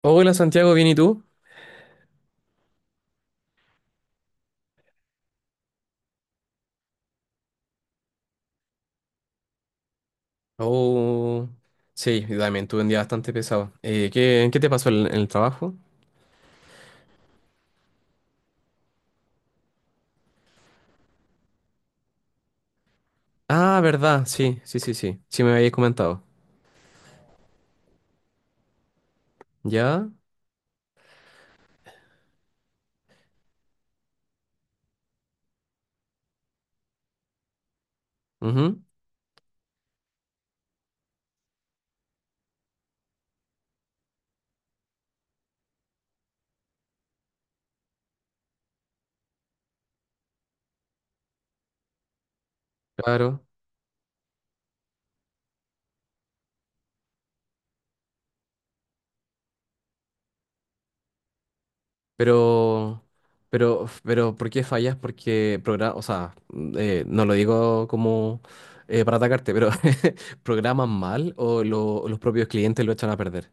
Hola Santiago, ¿bien y tú? Oh, sí, yo también tuve un día bastante pesado. ¿Qué te pasó en el trabajo? Ah, verdad, sí, sí, sí, sí. Sí me habías comentado. ¿Ya? Ujú, claro. Pero, ¿Por qué fallas? Porque programa, o sea, no lo digo como para atacarte, pero ¿programan mal o los propios clientes lo echan a perder?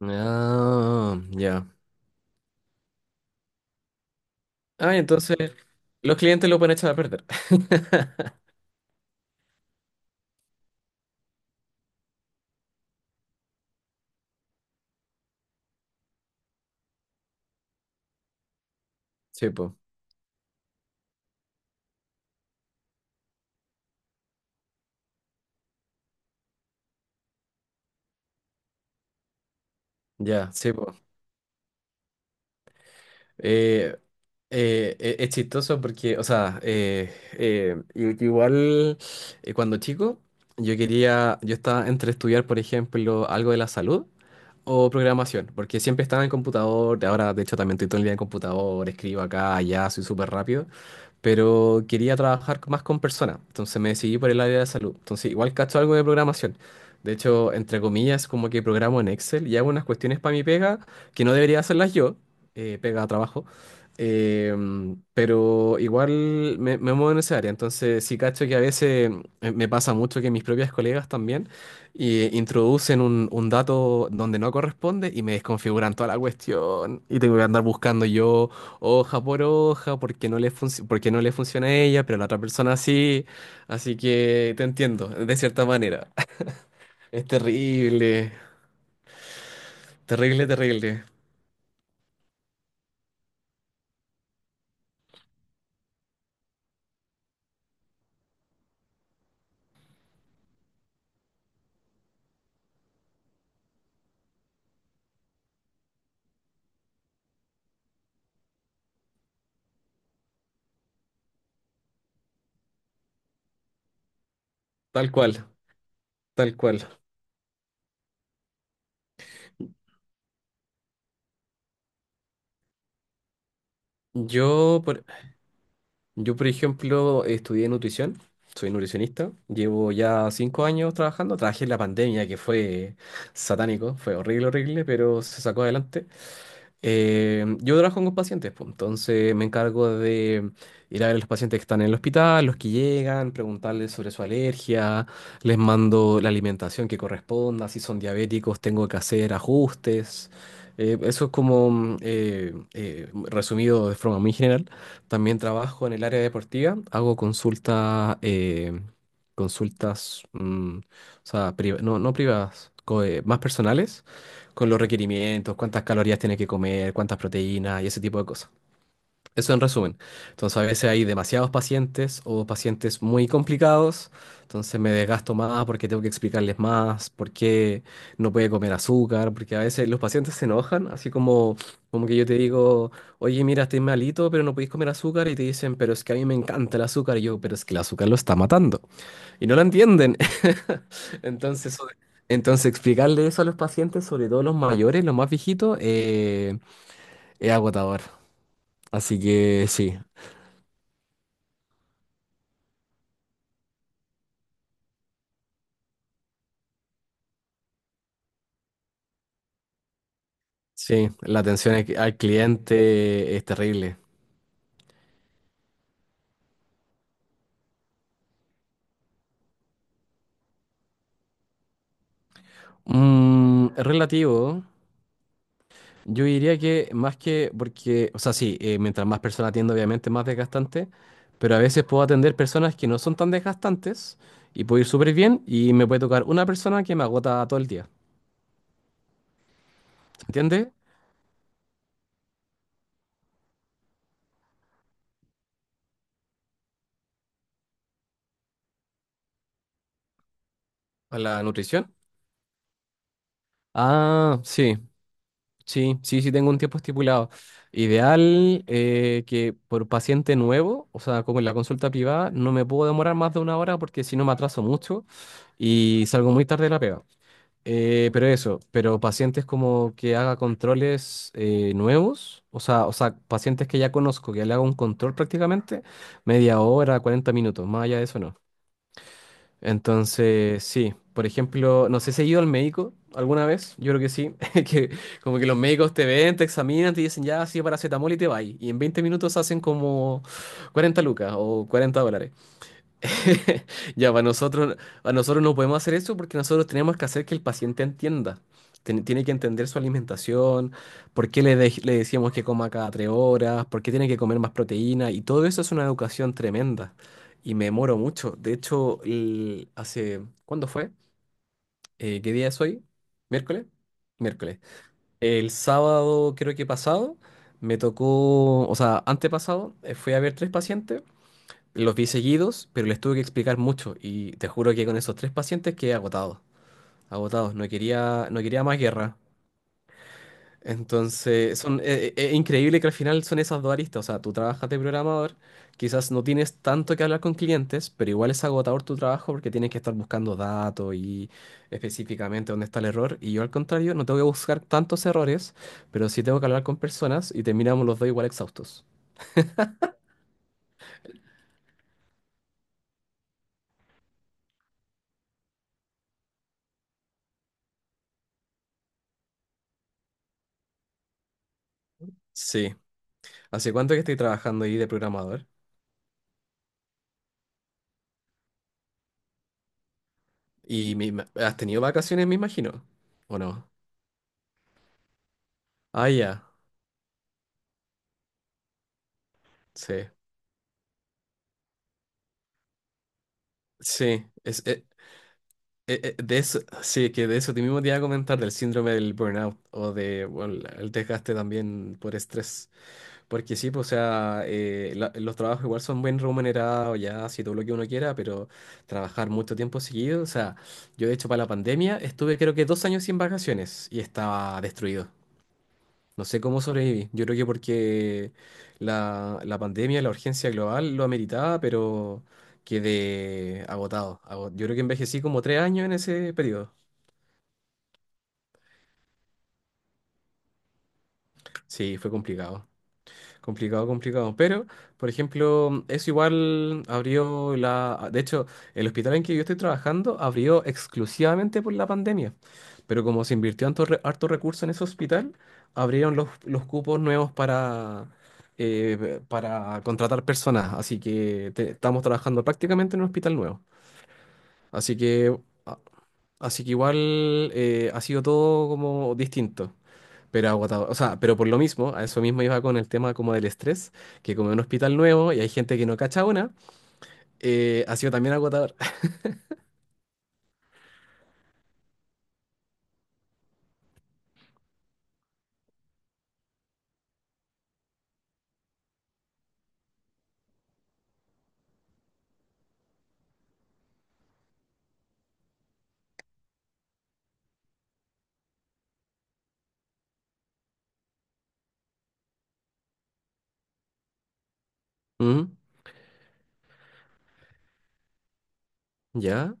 Ah, ya. Ah, entonces los clientes lo pueden echar a perder. Sí, pues. Ya, sí, pues. Eh, es chistoso porque, o sea, igual cuando chico, yo estaba entre estudiar, por ejemplo, algo de la salud o programación, porque siempre estaba en computador, ahora de hecho también estoy todo el día en computador, escribo acá, allá, soy súper rápido. Pero quería trabajar más con personas, entonces me decidí por el área de salud. Entonces igual cacho algo de programación. De hecho, entre comillas, como que programo en Excel y hago unas cuestiones para mi pega, que no debería hacerlas yo. Pega a trabajo. Pero igual me muevo en esa área. Entonces sí cacho que a veces me pasa mucho que mis propias colegas también introducen un dato donde no corresponde y me desconfiguran toda la cuestión y tengo que andar buscando yo hoja por hoja porque porque no le funciona a ella, pero a la otra persona sí. Así que te entiendo, de cierta manera. Es terrible, terrible, terrible. Tal cual, tal cual. Yo, por, yo, por ejemplo, estudié nutrición. Soy nutricionista, llevo ya 5 años trabajando, trabajé en la pandemia que fue satánico, fue horrible, horrible, pero se sacó adelante. Yo trabajo con pacientes, pues, entonces me encargo de ir a ver a los pacientes que están en el hospital, los que llegan, preguntarles sobre su alergia, les mando la alimentación que corresponda, si son diabéticos tengo que hacer ajustes. Eso es como resumido de forma muy general. También trabajo en el área deportiva, hago consultas, o sea, no, no privadas, más personales con los requerimientos, cuántas calorías tiene que comer, cuántas proteínas y ese tipo de cosas. Eso en resumen. Entonces a veces hay demasiados pacientes o pacientes muy complicados, entonces me desgasto más porque tengo que explicarles más por qué no puede comer azúcar, porque a veces los pacientes se enojan, así como que yo te digo, oye, mira, estoy malito, pero no podéis comer azúcar, y te dicen, pero es que a mí me encanta el azúcar, y yo, pero es que el azúcar lo está matando, y no lo entienden. Entonces, sobre- entonces, explicarle eso a los pacientes, sobre todo los mayores, los más viejitos, es agotador. Así que sí, sí, la atención al cliente es terrible. Es relativo. Yo diría que más que, porque, o sea, sí, mientras más personas atiendo, obviamente más desgastante, pero a veces puedo atender personas que no son tan desgastantes, y puedo ir súper bien y me puede tocar una persona que me agota todo el día. ¿Se entiende? A la nutrición. Ah, sí, sí, sí, sí tengo un tiempo estipulado. Ideal, que por paciente nuevo, o sea, como en la consulta privada, no me puedo demorar más de una hora porque si no me atraso mucho y salgo muy tarde de la pega. Pero pacientes como que haga controles nuevos, o sea, pacientes que ya conozco, que le haga un control prácticamente, media hora, 40 minutos, más allá de eso no. Entonces, sí, por ejemplo, no sé si has ido al médico alguna vez, yo creo que sí, que como que los médicos te ven, te examinan, te dicen ya, sí, paracetamol y te vas. Y en 20 minutos hacen como 40 lucas o $40. Ya, para nosotros, a nosotros no podemos hacer eso porque nosotros tenemos que hacer que el paciente entienda. Tiene que entender su alimentación, por qué le decíamos que coma cada 3 horas, por qué tiene que comer más proteína, y todo eso es una educación tremenda. Y me demoro mucho. De hecho, hace, ¿cuándo fue? ¿Qué día es hoy? ¿Miércoles? Miércoles. El sábado, creo que pasado, me tocó, o sea, antepasado, fui a ver tres pacientes. Los vi seguidos, pero les tuve que explicar mucho, y te juro que con esos tres pacientes quedé agotado, agotado, no quería más guerra. Entonces, es increíble que al final son esas dos aristas, o sea, tú trabajas de programador, quizás no tienes tanto que hablar con clientes, pero igual es agotador tu trabajo porque tienes que estar buscando datos y específicamente dónde está el error, y yo al contrario, no tengo que buscar tantos errores, pero sí tengo que hablar con personas, y terminamos los dos igual exhaustos. Sí. ¿Hace cuánto que estoy trabajando ahí de programador? Y has tenido vacaciones, me imagino, ¿o no? Ah, ya, sí. Sí, de eso, sí, que de eso te mismo te iba a comentar, del síndrome del burnout o de, bueno, el desgaste también por estrés. Porque sí, pues, o sea, los trabajos igual son bien remunerados, ya, si todo lo que uno quiera, pero trabajar mucho tiempo seguido, o sea, yo de hecho para la pandemia estuve creo que 2 años sin vacaciones y estaba destruido. No sé cómo sobreviví. Yo creo que porque la pandemia, la urgencia global lo ameritaba, pero quedé agotado. Yo creo que envejecí como 3 años en ese periodo. Sí, fue complicado. Complicado, complicado. Pero, por ejemplo, eso igual abrió. De hecho, el hospital en que yo estoy trabajando abrió exclusivamente por la pandemia. Pero como se invirtió harto recurso en ese hospital, abrieron los cupos nuevos para contratar personas. Así que estamos trabajando prácticamente en un hospital nuevo. Así que, a- Así que igual ha sido todo como distinto. Pero agotador, o sea, pero por lo mismo, a eso mismo iba con el tema como del estrés, que como es un hospital nuevo y hay gente que no cacha una, ha sido también agotador. Mm. ¿Ya?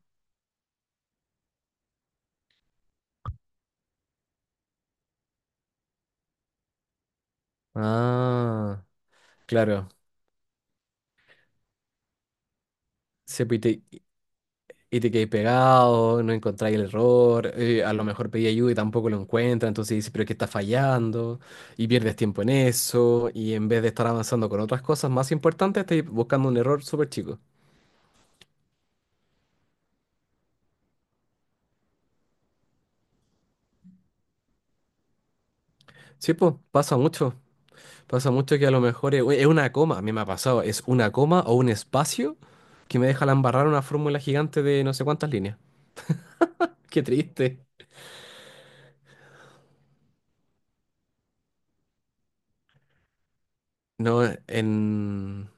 Ah, claro. Y te, y te quedáis pegado, no encontráis el error, a lo mejor pedí ayuda y tampoco lo encuentra, entonces dices, pero es que está fallando, y pierdes tiempo en eso, y en vez de estar avanzando con otras cosas más importantes, estás buscando un error súper chico. Sí, pues, pasa mucho. Pasa mucho que a lo mejor es una coma, a mí me ha pasado, es una coma o un espacio que me deja la embarrar una fórmula gigante de no sé cuántas líneas. Qué triste. No, en,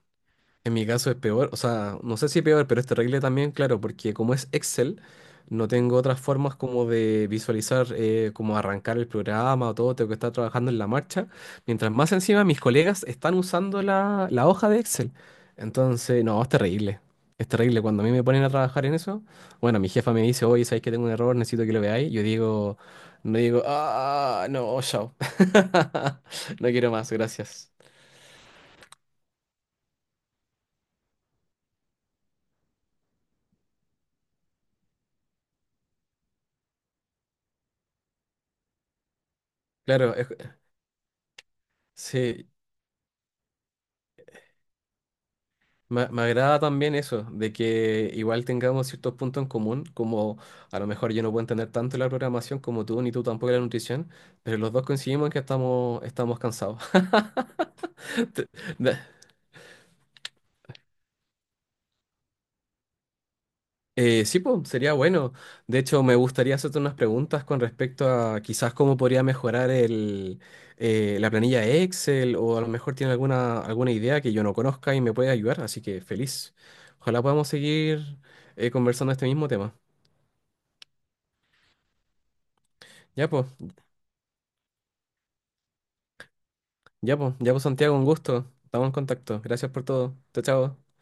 en mi caso es peor, o sea, no sé si es peor, pero es terrible también, claro, porque como es Excel, no tengo otras formas como de visualizar, como arrancar el programa o todo, tengo que estar trabajando en la marcha, mientras más encima mis colegas están usando la hoja de Excel. Entonces, no, es terrible, es terrible. Cuando a mí me ponen a trabajar en eso, bueno, mi jefa me dice, oye, ¿sabéis que tengo un error? Necesito que lo veáis. Yo digo, no, digo, ah, no, chao. No quiero más, gracias. Claro, sí. Me agrada también eso, de que igual tengamos ciertos puntos en común, como a lo mejor yo no puedo entender tanto la programación como tú, ni tú tampoco la nutrición, pero los dos coincidimos en que estamos cansados. Te- de- sí, pues, sería bueno. De hecho, me gustaría hacerte unas preguntas con respecto a quizás cómo podría mejorar la planilla Excel, o a lo mejor tiene alguna idea que yo no conozca y me puede ayudar, así que feliz. Ojalá podamos seguir conversando este mismo tema. Ya, pues. Ya pues, ya pues Santiago, un gusto. Estamos en contacto. Gracias por todo. Chao, chao.